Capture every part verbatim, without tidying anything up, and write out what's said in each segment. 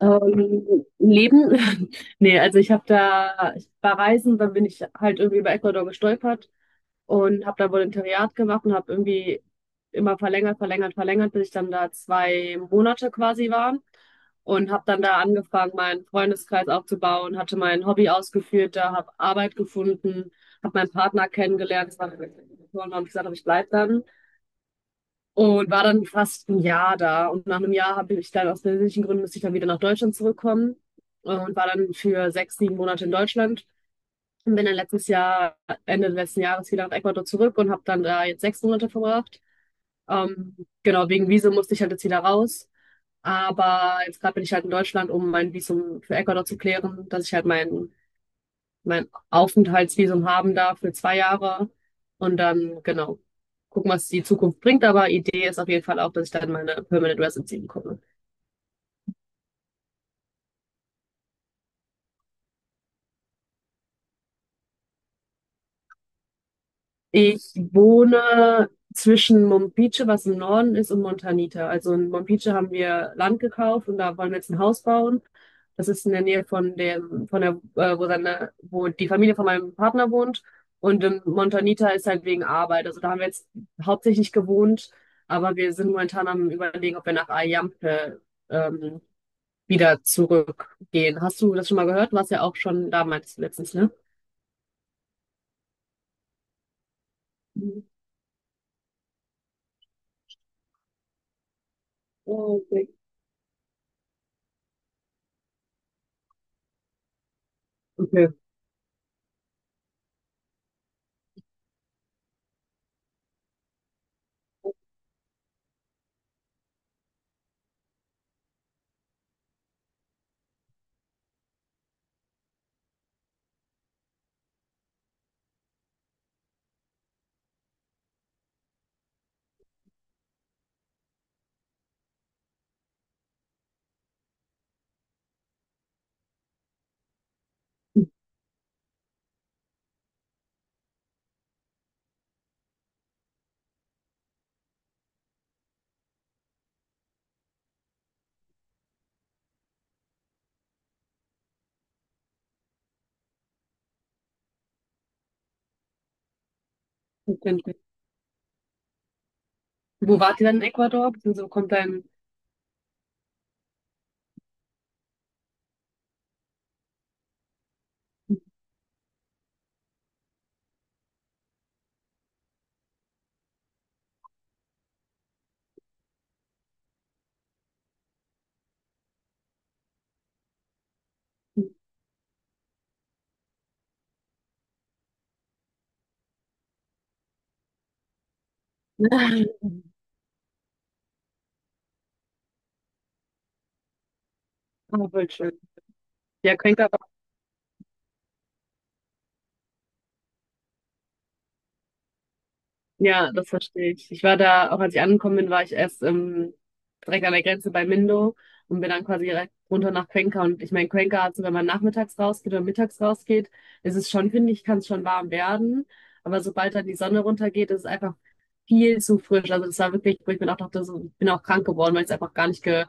Ähm, Leben? Nee, also ich habe da, ich war reisen, dann bin ich halt irgendwie über Ecuador gestolpert und habe da Volontariat gemacht und habe irgendwie immer verlängert, verlängert, verlängert, bis ich dann da zwei Monate quasi war und habe dann da angefangen, meinen Freundeskreis aufzubauen, hatte mein Hobby ausgeführt, da habe Arbeit gefunden, habe meinen Partner kennengelernt, das war und habe gesagt, hab, ich bleib dann. Und war dann fast ein Jahr da. Und nach einem Jahr habe ich dann aus persönlichen Gründen musste ich dann wieder nach Deutschland zurückkommen äh, und war dann für sechs, sieben Monate in Deutschland und bin dann letztes Jahr, Ende letzten Jahres wieder nach Ecuador zurück und habe dann da jetzt sechs Monate verbracht. Ähm, genau, wegen Visum musste ich halt jetzt wieder raus. Aber jetzt gerade bin ich halt in Deutschland, um mein Visum für Ecuador zu klären, dass ich halt mein mein Aufenthaltsvisum haben da für zwei Jahre und dann, genau, gucken, was die Zukunft bringt. Aber Idee ist auf jeden Fall auch, dass ich dann meine Permanent Residency bekomme. Ich wohne zwischen Mompice, was im Norden ist, und Montanita. Also in Mompice haben wir Land gekauft und da wollen wir jetzt ein Haus bauen. Das ist in der Nähe von dem, von der, äh, wo seine, wo die Familie von meinem Partner wohnt. Und in Montanita ist halt wegen Arbeit. Also da haben wir jetzt hauptsächlich gewohnt, aber wir sind momentan am Überlegen, ob wir nach Ayampe, ähm, wieder zurückgehen. Hast du das schon mal gehört? Du warst ja auch schon da, meintest du letztens, ne? Mhm. Äh, Okay. Okay. Wo wart ihr dann in Ecuador? Beziehungsweise wo kommt dein... Ah, voll schön. Ja, Cuenca. Ja, das verstehe ich. Ich war da, auch als ich angekommen bin, war ich erst ähm, direkt an der Grenze bei Mindo und bin dann quasi direkt runter nach Cuenca. Und ich meine, Cuenca, also wenn man nachmittags rausgeht oder mittags rausgeht, ist es schon, finde ich, kann es schon warm werden. Aber sobald dann die Sonne runtergeht, ist es einfach viel zu frisch. Also das war wirklich, wo ich mir auch dachte, so, ich bin auch krank geworden, weil ich es einfach gar nicht ge,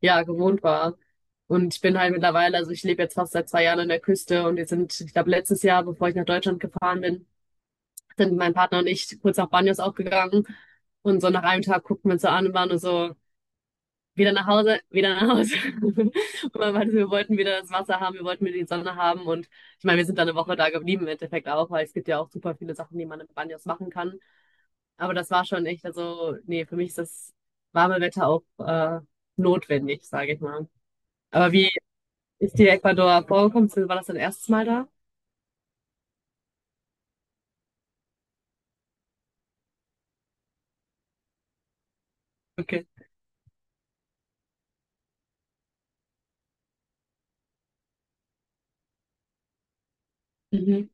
ja, gewohnt war. Und ich bin halt mittlerweile, also ich lebe jetzt fast seit zwei Jahren an der Küste und wir sind, ich glaube, letztes Jahr, bevor ich nach Deutschland gefahren bin, sind mein Partner und ich kurz nach Banyos auch gegangen. Und so nach einem Tag guckten wir uns so an und waren nur so, wieder nach Hause, wieder nach Hause. Und man meinte, so, wir wollten wieder das Wasser haben, wir wollten wieder die Sonne haben. Und ich meine, wir sind dann eine Woche da geblieben im Endeffekt auch, weil es gibt ja auch super viele Sachen, die man in Banyos machen kann. Aber das war schon echt, also, nee, für mich ist das warme Wetter auch äh, notwendig, sage ich mal. Aber wie ist dir Ecuador vorgekommen? War das dein erstes Mal da? Okay. Mhm.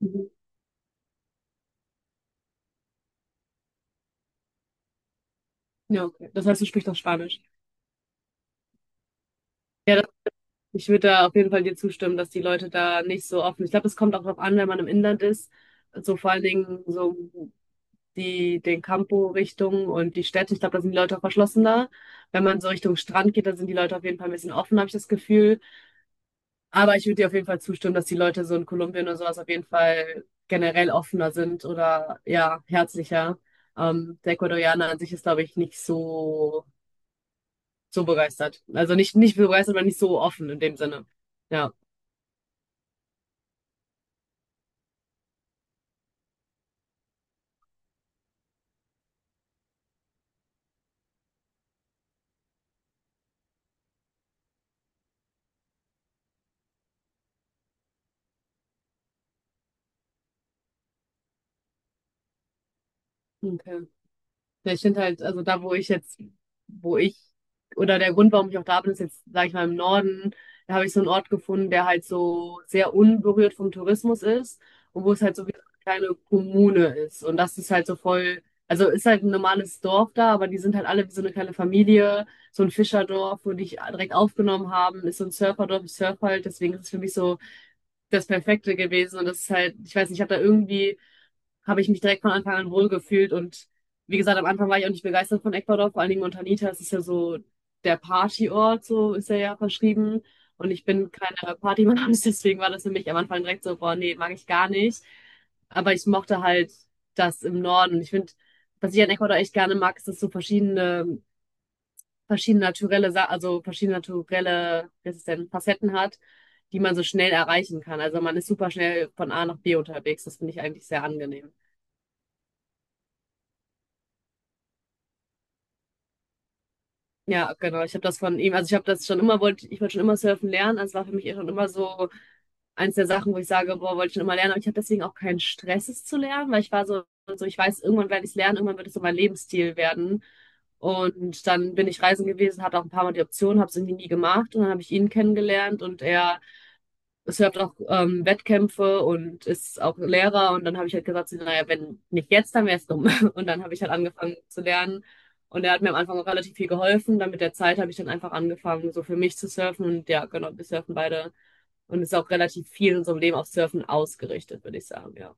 Mhm. Ja, okay. Das heißt, du sprichst auch Spanisch. Ja, ich würde da auf jeden Fall dir zustimmen, dass die Leute da nicht so offen. Ich glaube, es kommt auch darauf an, wenn man im Inland ist. So vor allen Dingen so die den Campo-Richtung und die Städte. Ich glaube, da sind die Leute auch verschlossener. Wenn man so Richtung Strand geht, da sind die Leute auf jeden Fall ein bisschen offen, habe ich das Gefühl. Aber ich würde dir auf jeden Fall zustimmen, dass die Leute so in Kolumbien oder sowas auf jeden Fall generell offener sind oder ja, herzlicher. Ähm, der Ecuadorianer an sich ist, glaube ich, nicht so so begeistert. Also nicht nicht begeistert, aber nicht so offen in dem Sinne. Ja. Okay. Ja, ich finde halt, also da, wo ich jetzt, wo ich, oder der Grund, warum ich auch da bin, ist jetzt, sage ich mal, im Norden, da habe ich so einen Ort gefunden, der halt so sehr unberührt vom Tourismus ist und wo es halt so wie so eine kleine Kommune ist. Und das ist halt so voll, also ist halt ein normales Dorf da, aber die sind halt alle wie so eine kleine Familie, so ein Fischerdorf, wo die dich direkt aufgenommen haben, ist so ein Surferdorf, ich surf halt, deswegen ist es für mich so das Perfekte gewesen. Und das ist halt, ich weiß nicht, ich habe da irgendwie habe ich mich direkt von Anfang an wohl gefühlt. Und wie gesagt, am Anfang war ich auch nicht begeistert von Ecuador, vor allen Dingen Montanita. Es ist ja so der Partyort, so ist er ja verschrieben. Und ich bin keine Partymaus, deswegen war das für mich am Anfang direkt so, boah, nee, mag ich gar nicht. Aber ich mochte halt das im Norden. Und ich finde, was ich an Ecuador echt gerne mag, ist, dass so verschiedene, verschiedene naturelle, Sa- also verschiedene naturelle, wie heißt es denn, Facetten hat, die man so schnell erreichen kann. Also man ist super schnell von A nach B unterwegs. Das finde ich eigentlich sehr angenehm. Ja, genau. Ich habe das von ihm, also ich habe das schon immer, wollte, ich wollte schon immer surfen lernen. Also es war für mich eh schon immer so eins der Sachen, wo ich sage, boah, wollte ich schon immer lernen. Aber ich habe deswegen auch keinen Stress, es zu lernen, weil ich war so, so ich weiß, irgendwann werde ich es lernen, irgendwann wird es so mein Lebensstil werden. Und dann bin ich reisen gewesen, hatte auch ein paar Mal die Option, habe es irgendwie nie gemacht. Und dann habe ich ihn kennengelernt und er es hat auch ähm, Wettkämpfe und ist auch Lehrer. Und dann habe ich halt gesagt, so, naja, wenn nicht jetzt, dann wäre es dumm. Und dann habe ich halt angefangen zu lernen. Und er hat mir am Anfang auch relativ viel geholfen. Dann mit der Zeit habe ich dann einfach angefangen, so für mich zu surfen. Und ja, genau, wir surfen beide. Und es ist auch relativ viel in unserem Leben auf Surfen ausgerichtet, würde ich sagen, ja.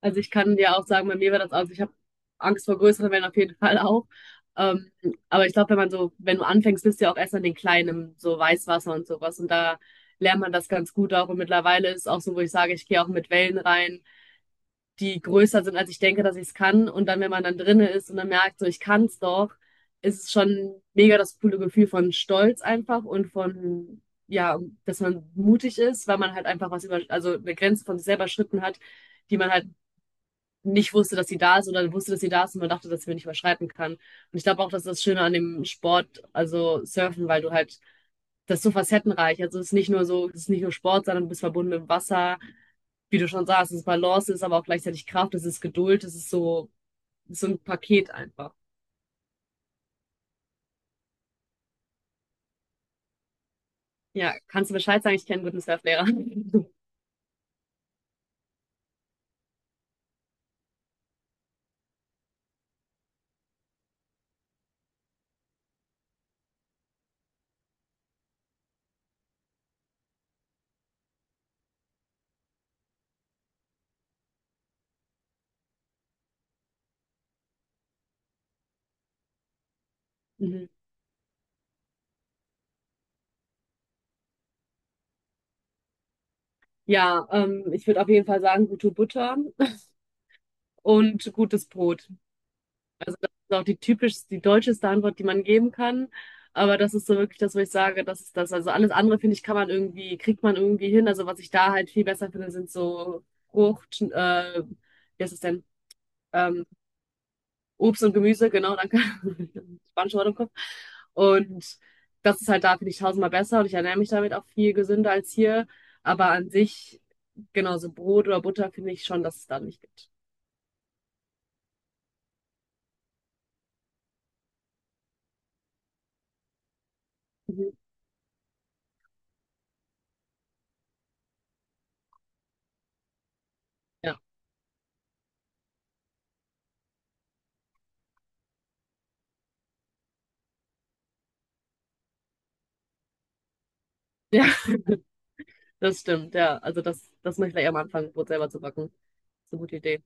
Also ich kann dir auch sagen, bei mir war das, also ich habe Angst vor größeren Wellen auf jeden Fall auch. Ähm, aber ich glaube, wenn man so, wenn du anfängst, bist du ja auch erst an den kleinen, so Weißwasser und sowas. Und da lernt man das ganz gut auch. Und mittlerweile ist auch so, wo ich sage, ich gehe auch mit Wellen rein, die größer sind, als ich denke, dass ich es kann. Und dann, wenn man dann drinne ist und dann merkt, so ich kann es doch, ist es schon mega das coole Gefühl von Stolz einfach und von, ja, dass man mutig ist, weil man halt einfach was über, also eine Grenze von sich selber schritten hat, die man halt nicht wusste, dass sie da ist oder wusste, dass sie da ist und man dachte, dass sie mir nicht überschreiten kann. Und ich glaube auch, das ist das Schöne an dem Sport, also Surfen, weil du halt, das ist so facettenreich. Also es ist nicht nur so, es ist nicht nur Sport, sondern du bist verbunden mit dem Wasser. Wie du schon sagst, es ist Balance, es ist aber auch gleichzeitig Kraft, es ist Geduld, es ist so, es ist so ein Paket einfach. Ja, kannst du Bescheid sagen, ich kenne einen guten Surflehrer. Mhm. Ja, ähm, ich würde auf jeden Fall sagen, gute Butter und gutes Brot. Ist auch die typisch, die deutscheste Antwort, die man geben kann. Aber das ist so wirklich das, wo ich sage, das ist das. Also alles andere, finde ich, kann man irgendwie, kriegt man irgendwie hin. Also was ich da halt viel besser finde, sind so Frucht, äh, wie heißt es denn? Ähm, Obst und Gemüse, genau, danke. Spanische Wort im Kopf. Und das ist halt da, finde ich, tausendmal besser und ich ernähre mich damit auch viel gesünder als hier. Aber an sich, genau, so Brot oder Butter finde ich schon, dass es da nicht gibt. Mhm. Ja. Das stimmt, ja. Also das, das möchte ich gleich am Anfang, Brot selber zu backen. Das ist eine gute Idee.